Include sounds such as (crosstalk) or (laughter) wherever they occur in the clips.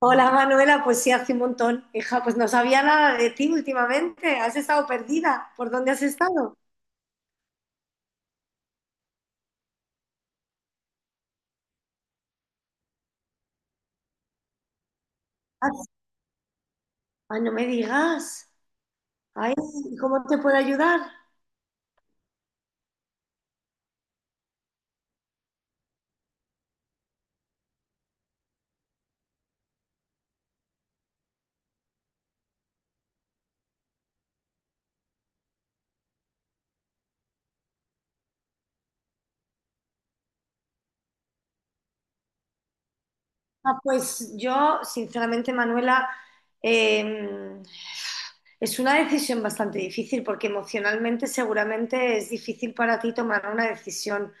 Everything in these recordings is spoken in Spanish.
Hola Manuela, pues sí, hace un montón. Hija, pues no sabía nada de ti últimamente. Has estado perdida. ¿Por dónde has estado? Ah, ah, no me digas. Ay, ¿cómo te puedo ayudar? Ah, pues yo, sinceramente, Manuela, eh, es una decisión bastante difícil porque emocionalmente seguramente es difícil para ti tomar una decisión.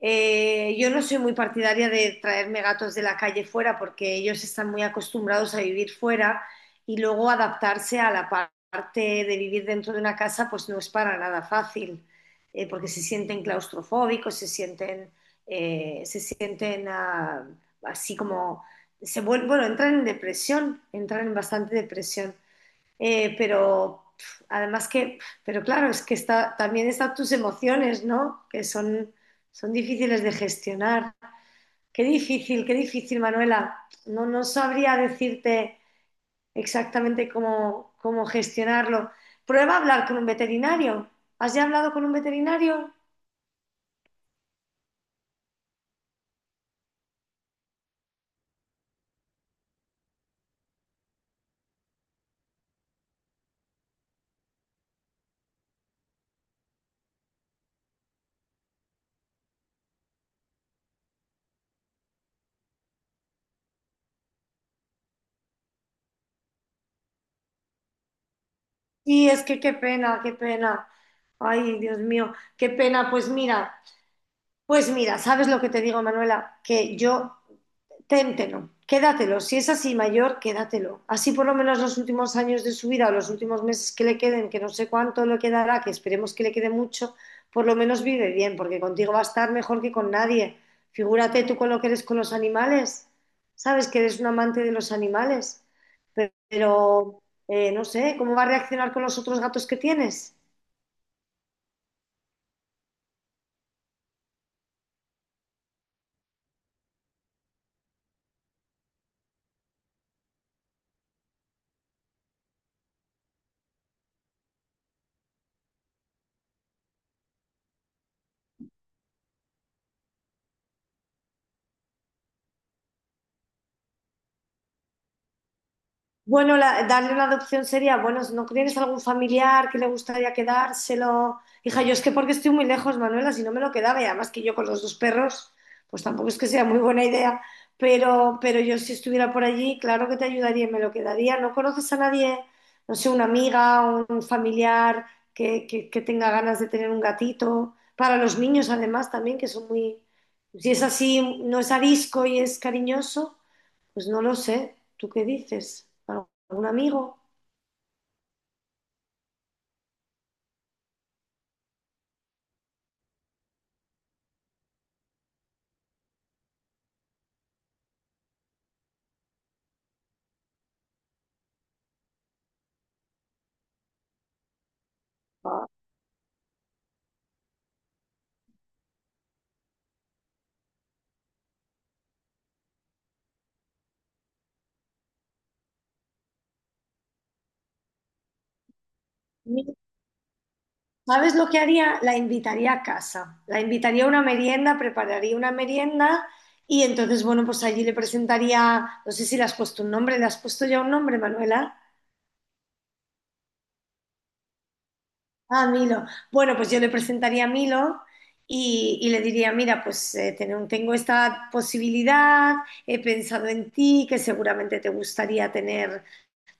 Yo no soy muy partidaria de traerme gatos de la calle fuera porque ellos están muy acostumbrados a vivir fuera y luego adaptarse a la parte de vivir dentro de una casa pues no es para nada fácil, porque se sienten claustrofóbicos, se sienten ah, así como, se vuel- bueno, entran en depresión, entran en bastante depresión. Eh, pero pf, además que, pero claro, es que está, también están tus emociones, ¿no? Que son, son difíciles de gestionar. Qué difícil, Manuela. No, no sabría decirte exactamente cómo, cómo gestionarlo. Prueba a hablar con un veterinario. ¿Has ya hablado con un veterinario? Y es que qué pena, qué pena. Ay, Dios mío, qué pena. Pues mira, ¿sabes lo que te digo, Manuela? Que yo téntelo, quédatelo. Si es así mayor, quédatelo. Así por lo menos los últimos años de su vida o los últimos meses que le queden, que no sé cuánto le quedará, que esperemos que le quede mucho, por lo menos vive bien, porque contigo va a estar mejor que con nadie. Figúrate tú con lo que eres con los animales. Sabes que eres un amante de los animales, pero no sé, ¿cómo va a reaccionar con los otros gatos que tienes? Bueno, darle una adopción sería, bueno, ¿no tienes algún familiar que le gustaría quedárselo? Hija, yo es que porque estoy muy lejos, Manuela, si no me lo quedaba, y además que yo con los dos perros, pues tampoco es que sea muy buena idea, pero yo si estuviera por allí, claro que te ayudaría y me lo quedaría. ¿No conoces a nadie, no sé, una amiga, un familiar que tenga ganas de tener un gatito? Para los niños, además, también, que son muy... Si es así, no es arisco y es cariñoso, pues no lo sé. ¿Tú qué dices? ¿Algún amigo? ¿Sabes lo que haría? La invitaría a casa. La invitaría a una merienda, prepararía una merienda y entonces, bueno, pues allí le presentaría, no sé si le has puesto un nombre, ¿le has puesto ya un nombre, Manuela? Ah, Milo. Bueno, pues yo le presentaría a Milo y le diría, mira, pues tengo esta posibilidad, he pensado en ti, que seguramente te gustaría tener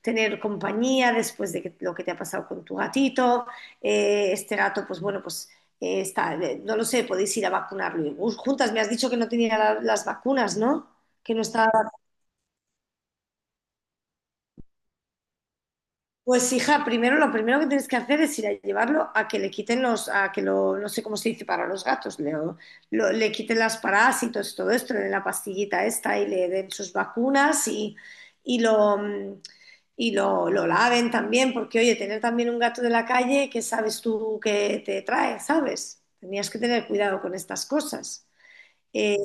tener compañía después lo que te ha pasado con tu gatito. Este gato, pues bueno, pues no lo sé, podéis ir a vacunarlo. Y, juntas, me has dicho que no tenía las vacunas, ¿no? Que no estaba. Pues hija, primero lo primero que tienes que hacer es ir a llevarlo a que le quiten los, a que lo, no sé cómo se dice para los gatos, le, le quiten las parásitos, todo esto, le den la pastillita esta y le den sus vacunas y lo y lo laven también, porque oye, tener también un gato de la calle, ¿qué sabes tú que te trae? ¿Sabes? Tenías que tener cuidado con estas cosas. Eh,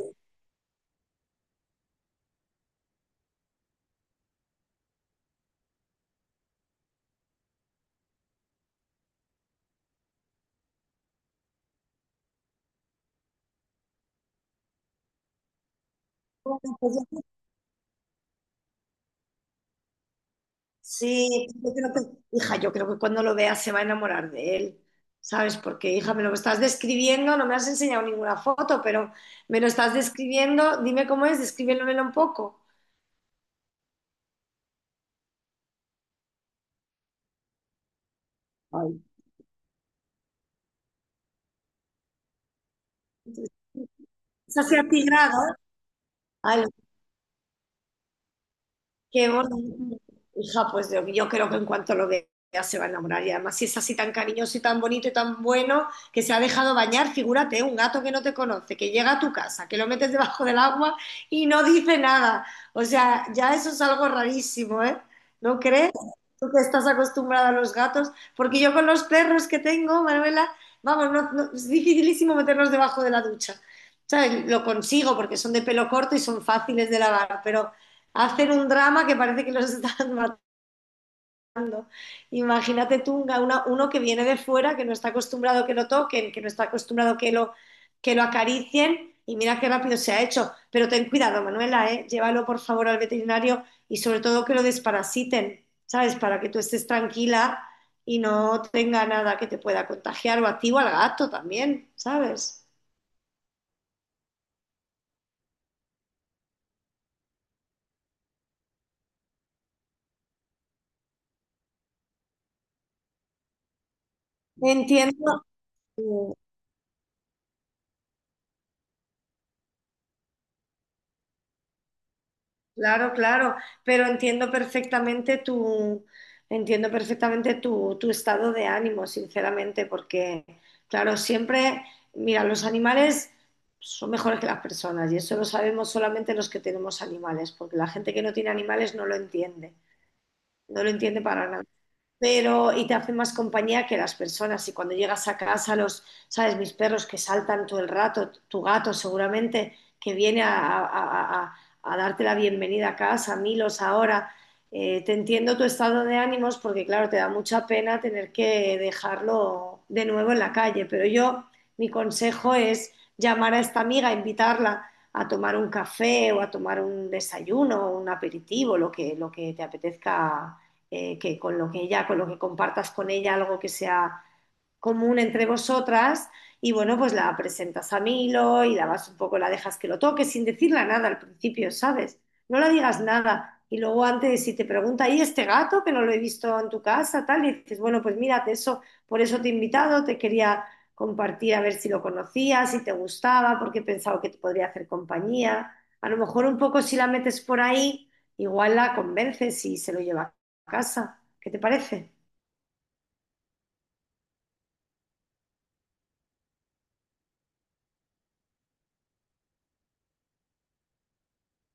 pues, sí, yo creo que, hija, yo creo que cuando lo vea se va a enamorar de él, ¿sabes? Porque, hija, me lo estás describiendo, no me has enseñado ninguna foto, pero me lo estás describiendo, dime cómo es, descríbemelo un poco. Ay. Está así atigrado. Qué gorda. Hija, pues yo creo que en cuanto lo vea se va a enamorar. Y además, si es así tan cariñoso y tan bonito y tan bueno, que se ha dejado bañar, figúrate, un gato que no te conoce, que llega a tu casa, que lo metes debajo del agua y no dice nada. O sea, ya eso es algo rarísimo, ¿eh? ¿No crees? Tú que estás acostumbrada a los gatos, porque yo con los perros que tengo, Manuela, vamos, es dificilísimo meterlos debajo de la ducha. ¿Sabes? Lo consigo porque son de pelo corto y son fáciles de lavar, pero hacer un drama que parece que los (laughs) están matando. Imagínate tú uno que viene de fuera, que no está acostumbrado que lo toquen, que no está acostumbrado que lo acaricien y mira qué rápido se ha hecho. Pero ten cuidado, Manuela, ¿eh? Llévalo por favor al veterinario y sobre todo que lo desparasiten, ¿sabes? Para que tú estés tranquila y no tenga nada que te pueda contagiar o a ti o al gato también, ¿sabes? Entiendo. Claro, claro, pero entiendo perfectamente tu, tu estado de ánimo, sinceramente, porque, claro, siempre, mira, los animales son mejores que las personas y eso lo sabemos solamente los que tenemos animales, porque la gente que no tiene animales no lo entiende, no lo entiende para nada, pero y te hace más compañía que las personas. Y cuando llegas a casa, los, sabes, mis perros que saltan todo el rato, tu gato seguramente que viene a, a darte la bienvenida a casa, Milos ahora. Te entiendo tu estado de ánimos porque, claro, te da mucha pena tener que dejarlo de nuevo en la calle, pero yo, mi consejo es llamar a esta amiga, invitarla a tomar un café o a tomar un desayuno, un aperitivo, lo que te apetezca, que con lo que ella, con lo que compartas con ella algo que sea común entre vosotras y bueno, pues la presentas a Milo y la vas un poco, la dejas que lo toque sin decirle nada al principio, ¿sabes? No la digas nada. Y luego antes, si te pregunta, ¿y este gato que no lo he visto en tu casa? Tal, y dices, bueno, pues mírate eso, por eso te he invitado, te quería compartir a ver si lo conocías, si te gustaba, porque he pensado que te podría hacer compañía. A lo mejor un poco si la metes por ahí, igual la convences y se lo lleva a casa. ¿Qué te parece?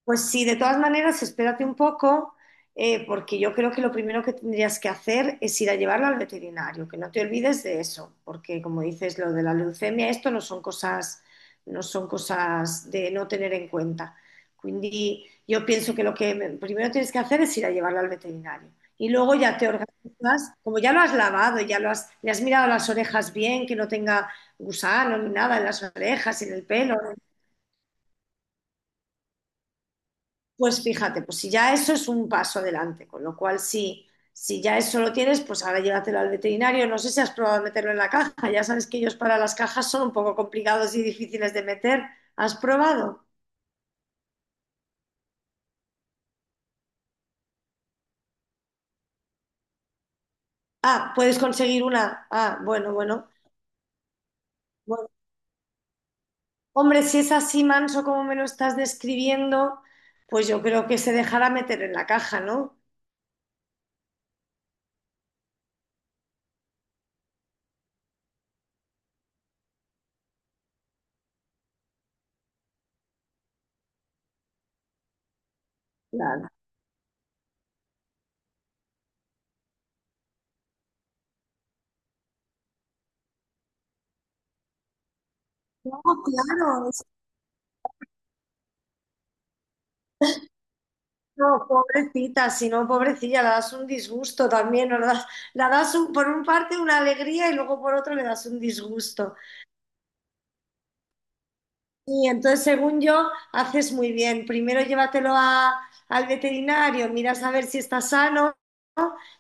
Pues sí, de todas maneras, espérate un poco, porque yo creo que lo primero que tendrías que hacer es ir a llevarlo al veterinario, que no te olvides de eso, porque como dices, lo de la leucemia, esto no son cosas, no son cosas de no tener en cuenta. Quindi yo pienso que lo che primero tienes que hacer es ir a llevarlo al veterinario. Y luego ya te organizas, como ya lo has lavado, ya lo has, le has mirado las orejas bien, que no tenga gusano ni nada en las orejas, en el pelo. Pues fíjate, pues si ya eso es un paso adelante, con lo cual si, si ya eso lo tienes, pues ahora llévatelo al veterinario. No sé si has probado meterlo en la caja, ya sabes que ellos para las cajas son un poco complicados y difíciles de meter. ¿Has probado? Ah, puedes conseguir una. Ah, bueno, bueno. Bueno, hombre, si es así manso como me lo estás describiendo, pues yo creo que se dejará meter en la caja, ¿no? Claro. No, claro, no, pobrecita, si no, pobrecilla, le das un disgusto también, ¿no? Le das, la das por un parte una alegría y luego por otro le das un disgusto. Y entonces, según yo, haces muy bien. Primero llévatelo al veterinario, miras a ver si está sano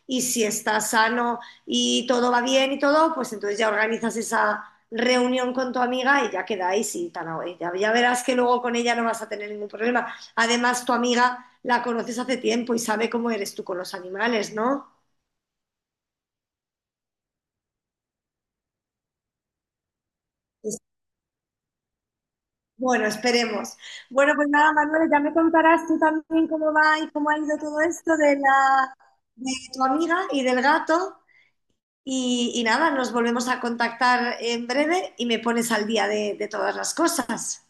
y si está sano y todo va bien y todo, pues entonces ya organizas esa reunión con tu amiga y ya quedáis y tan away. Ya, ya verás que luego con ella no vas a tener ningún problema. Además, tu amiga la conoces hace tiempo y sabe cómo eres tú con los animales, ¿no? Es- bueno, esperemos. Bueno, pues nada, Manuel, ya me contarás tú también cómo va y cómo ha ido todo esto de la de tu amiga y del gato. Y nada, nos volvemos a contactar en breve y me pones al día de todas las cosas.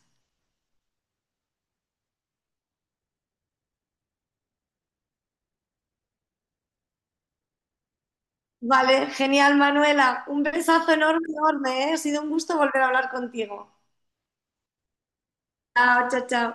Vale, genial, Manuela. Un besazo enorme, enorme, ¿eh? Ha sido un gusto volver a hablar contigo. Chao, chao, chao.